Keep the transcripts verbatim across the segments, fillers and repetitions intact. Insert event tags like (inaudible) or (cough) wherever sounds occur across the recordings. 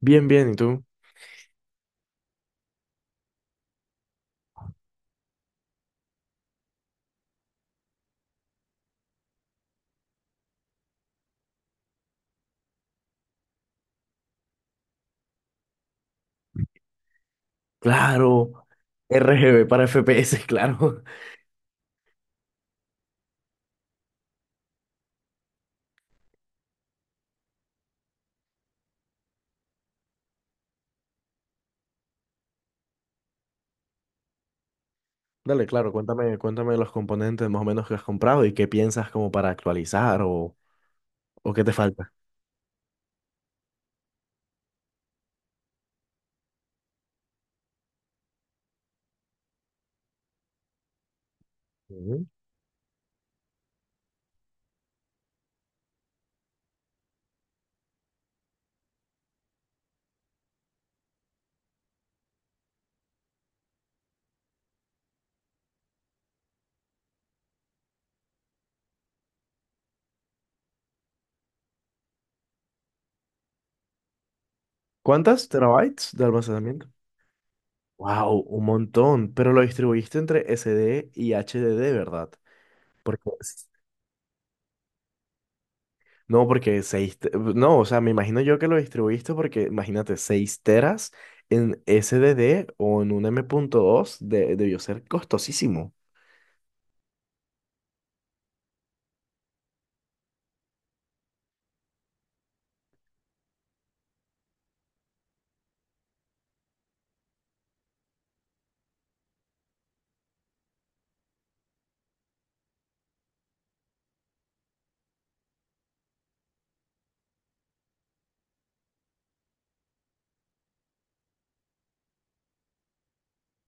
Bien, bien, ¿y tú? Claro, R G B para F P S, claro. (laughs) Dale, claro, cuéntame, cuéntame los componentes más o menos que has comprado y qué piensas como para actualizar o, o qué te falta. Ujú. ¿Cuántas terabytes de almacenamiento? Wow, un montón, pero lo distribuiste entre S D y H D D, ¿verdad? Porque, s- no, porque seis, no, o sea, me imagino yo que lo distribuiste porque imagínate seis teras en S D D o en un M.dos de, debió ser costosísimo.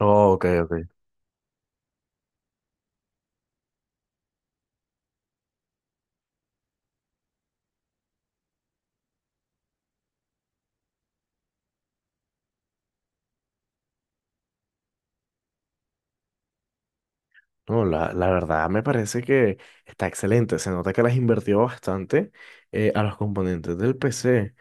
Oh, ok, ok. No, la, la verdad me parece que está excelente. Se nota que las invertido bastante eh, a los componentes del P C.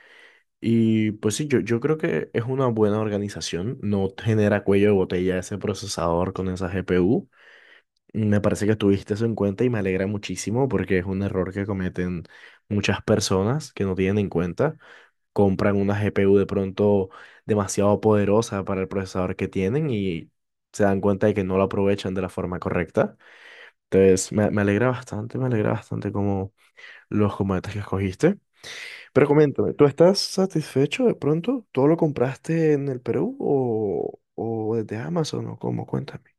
Y pues sí, yo, yo creo que es una buena organización. No genera cuello de botella ese procesador con esa G P U. Me parece que tuviste eso en cuenta y me alegra muchísimo porque es un error que cometen muchas personas que no tienen en cuenta. Compran una G P U de pronto demasiado poderosa para el procesador que tienen y se dan cuenta de que no la aprovechan de la forma correcta. Entonces, me, me alegra bastante, me alegra bastante como los combates que escogiste. Pero coméntame, ¿tú estás satisfecho de pronto? ¿Todo lo compraste en el Perú o, o desde Amazon o cómo? Cuéntame.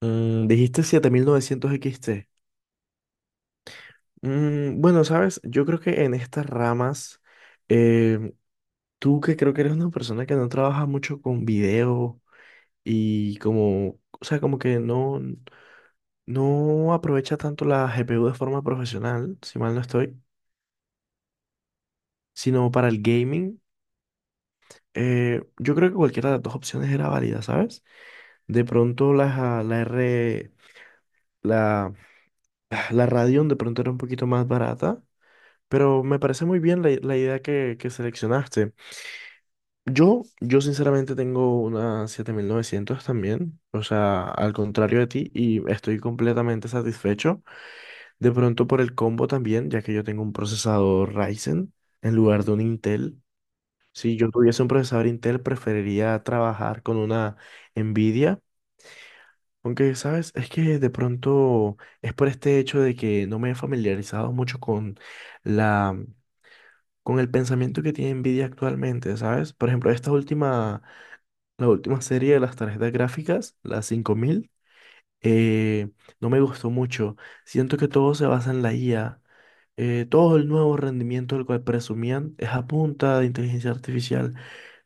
Mm, dijiste siete mil novecientos X T. Mm, bueno, sabes, yo creo que en estas ramas, eh, tú que creo que eres una persona que no trabaja mucho con video y como, o sea, como que no, no aprovecha tanto la G P U de forma profesional, si mal no estoy. Sino para el gaming, eh, yo creo que cualquiera de las dos opciones era válida, ¿sabes? De pronto la, la R, la, ah, la Radeon de pronto era un poquito más barata, pero me parece muy bien la, la idea que, que seleccionaste. Yo, yo sinceramente tengo una siete mil novecientos también, o sea, al contrario de ti, y estoy completamente satisfecho. De pronto por el combo también, ya que yo tengo un procesador Ryzen en lugar de un Intel. Si yo tuviese un procesador Intel, preferiría trabajar con una Nvidia, aunque, ¿sabes? Es que de pronto es por este hecho de que no me he familiarizado mucho con la, con el pensamiento que tiene Nvidia actualmente, ¿sabes? Por ejemplo, esta última, la última serie de las tarjetas gráficas, las cinco mil eh, no me gustó mucho. Siento que todo se basa en la I A. Eh, todo el nuevo rendimiento del cual presumían es a punta de inteligencia artificial.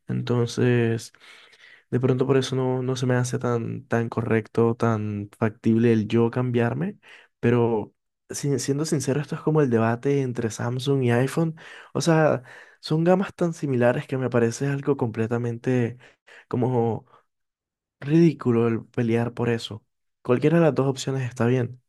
Entonces... De pronto por eso no, no se me hace tan, tan correcto, tan factible el yo cambiarme, pero si- siendo sincero, esto es como el debate entre Samsung y iPhone. O sea, son gamas tan similares que me parece algo completamente como ridículo el pelear por eso. Cualquiera de las dos opciones está bien.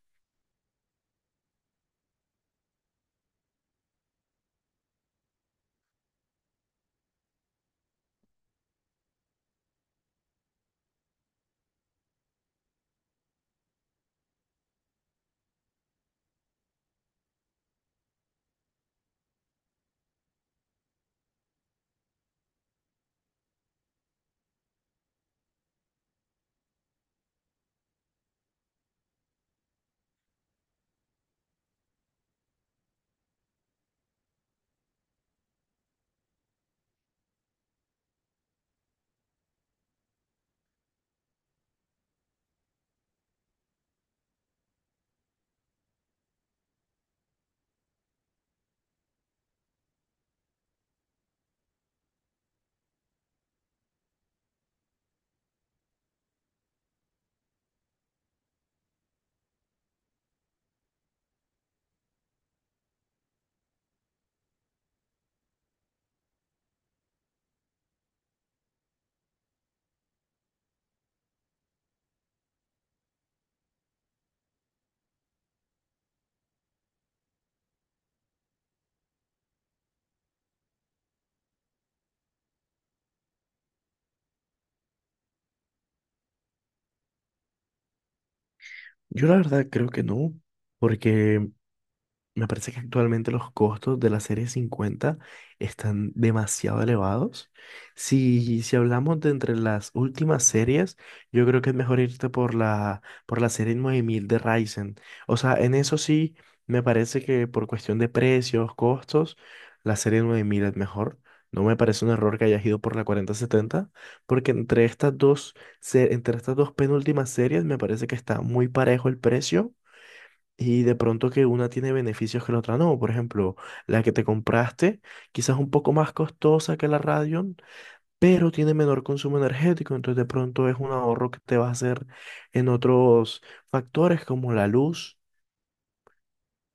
Yo la verdad creo que no, porque Me parece que actualmente los costos de la serie cincuenta están demasiado elevados. Si, si hablamos de entre las últimas series, yo creo que es mejor irte por la, por la serie nueve mil de Ryzen. O sea, en eso sí, me parece que por cuestión de precios, costos, la serie nueve mil es mejor. No me parece un error que hayas ido por la cuarenta setenta porque entre estas dos, se- entre estas dos penúltimas series me parece que está muy parejo el precio y de pronto que una tiene beneficios que la otra no. Por ejemplo, la que te compraste quizás un poco más costosa que la Radeon, pero tiene menor consumo energético. Entonces de pronto es un ahorro que te va a hacer en otros factores como la luz,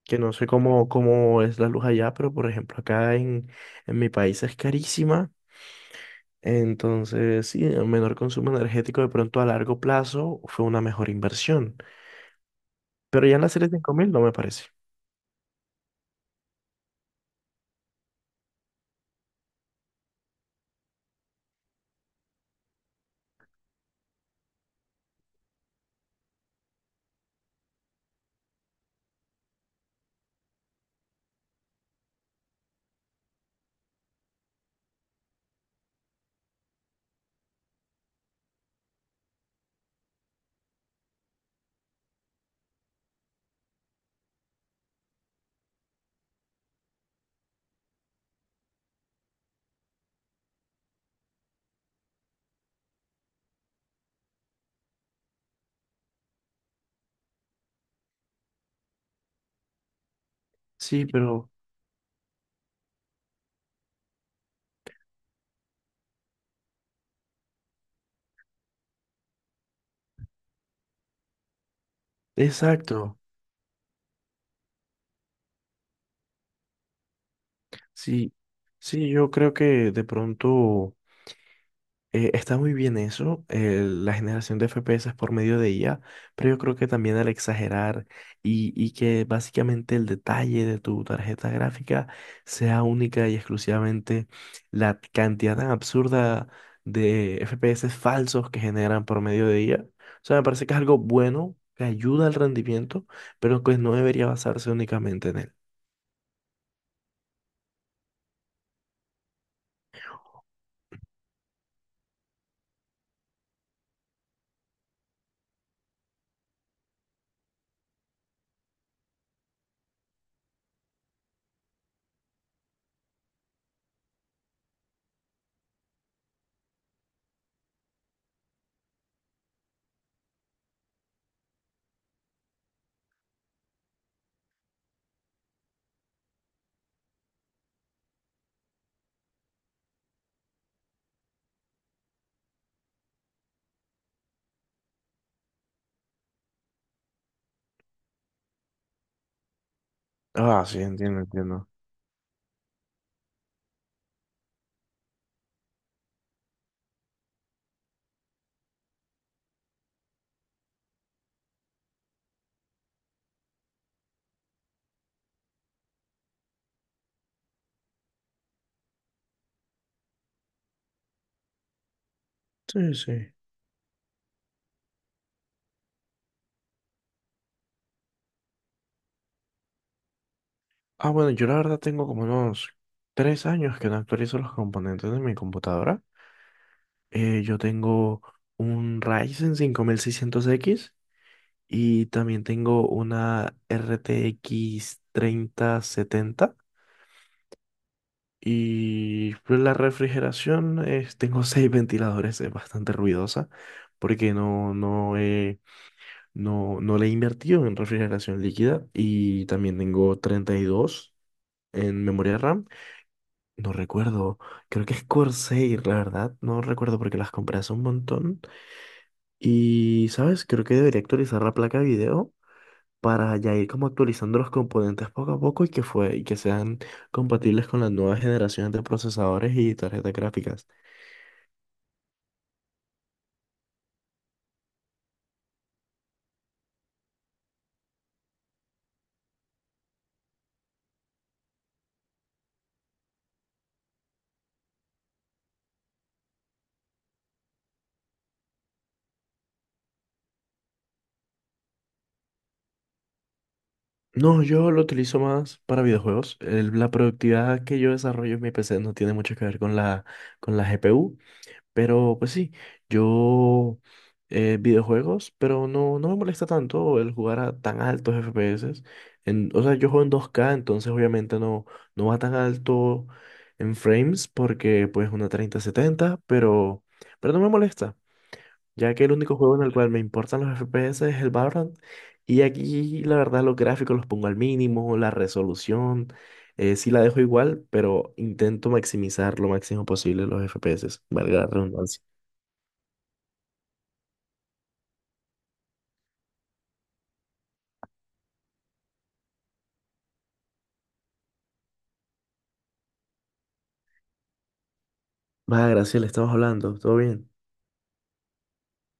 que no sé cómo, cómo es la luz allá, pero por ejemplo acá en, en mi país es carísima. Entonces, sí, el menor consumo energético de pronto a largo plazo fue una mejor inversión. Pero ya en la serie cinco mil no me parece. Sí, pero... Exacto. Sí, sí, yo creo que de pronto eh, está muy bien eso, eh, la generación de F P S por medio de I A, pero yo creo que también al exagerar y, y que básicamente el detalle de tu tarjeta gráfica sea única y exclusivamente la cantidad tan absurda de F P S falsos que generan por medio de I A. O sea, me parece que es algo bueno, que ayuda al rendimiento, pero que no debería basarse únicamente en él. Ah, sí, entiendo, entiendo. Sí, sí. Ah, bueno, yo la verdad tengo como unos tres años que no actualizo los componentes de mi computadora. Eh, yo tengo un Ryzen cinco mil seiscientos x y también tengo una R T X setenta. Y pues la refrigeración, es- tengo (laughs) seis ventiladores, es bastante ruidosa porque no, no, he- no, no le he invertido en refrigeración líquida y también tengo treinta y dos en memoria RAM. No recuerdo, creo que es Corsair, la verdad, no recuerdo porque las compré hace un montón. Y, ¿sabes? Creo que debería actualizar la placa de video para ya ir como actualizando los componentes poco a poco y que fue, y que sean compatibles con las nuevas generaciones de procesadores y tarjetas gráficas. No, yo lo utilizo más para videojuegos. El- la productividad que yo desarrollo en mi P C no tiene mucho que ver con la, con la G P U. Pero pues sí, yo eh, videojuegos, pero no, no me molesta tanto el jugar a tan altos F P S. En, o sea, yo juego en dos k entonces obviamente no, no va tan alto en frames porque pues una treinta setenta pero, pero, no me molesta, ya que el único juego en el cual me importan los F P S es el Valorant. Y aquí la verdad los gráficos los pongo al mínimo, la resolución, eh, sí la dejo igual, pero intento maximizar lo máximo posible los F P S, valga la redundancia. Va, Graciela, estamos hablando. ¿Todo bien?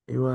Igual.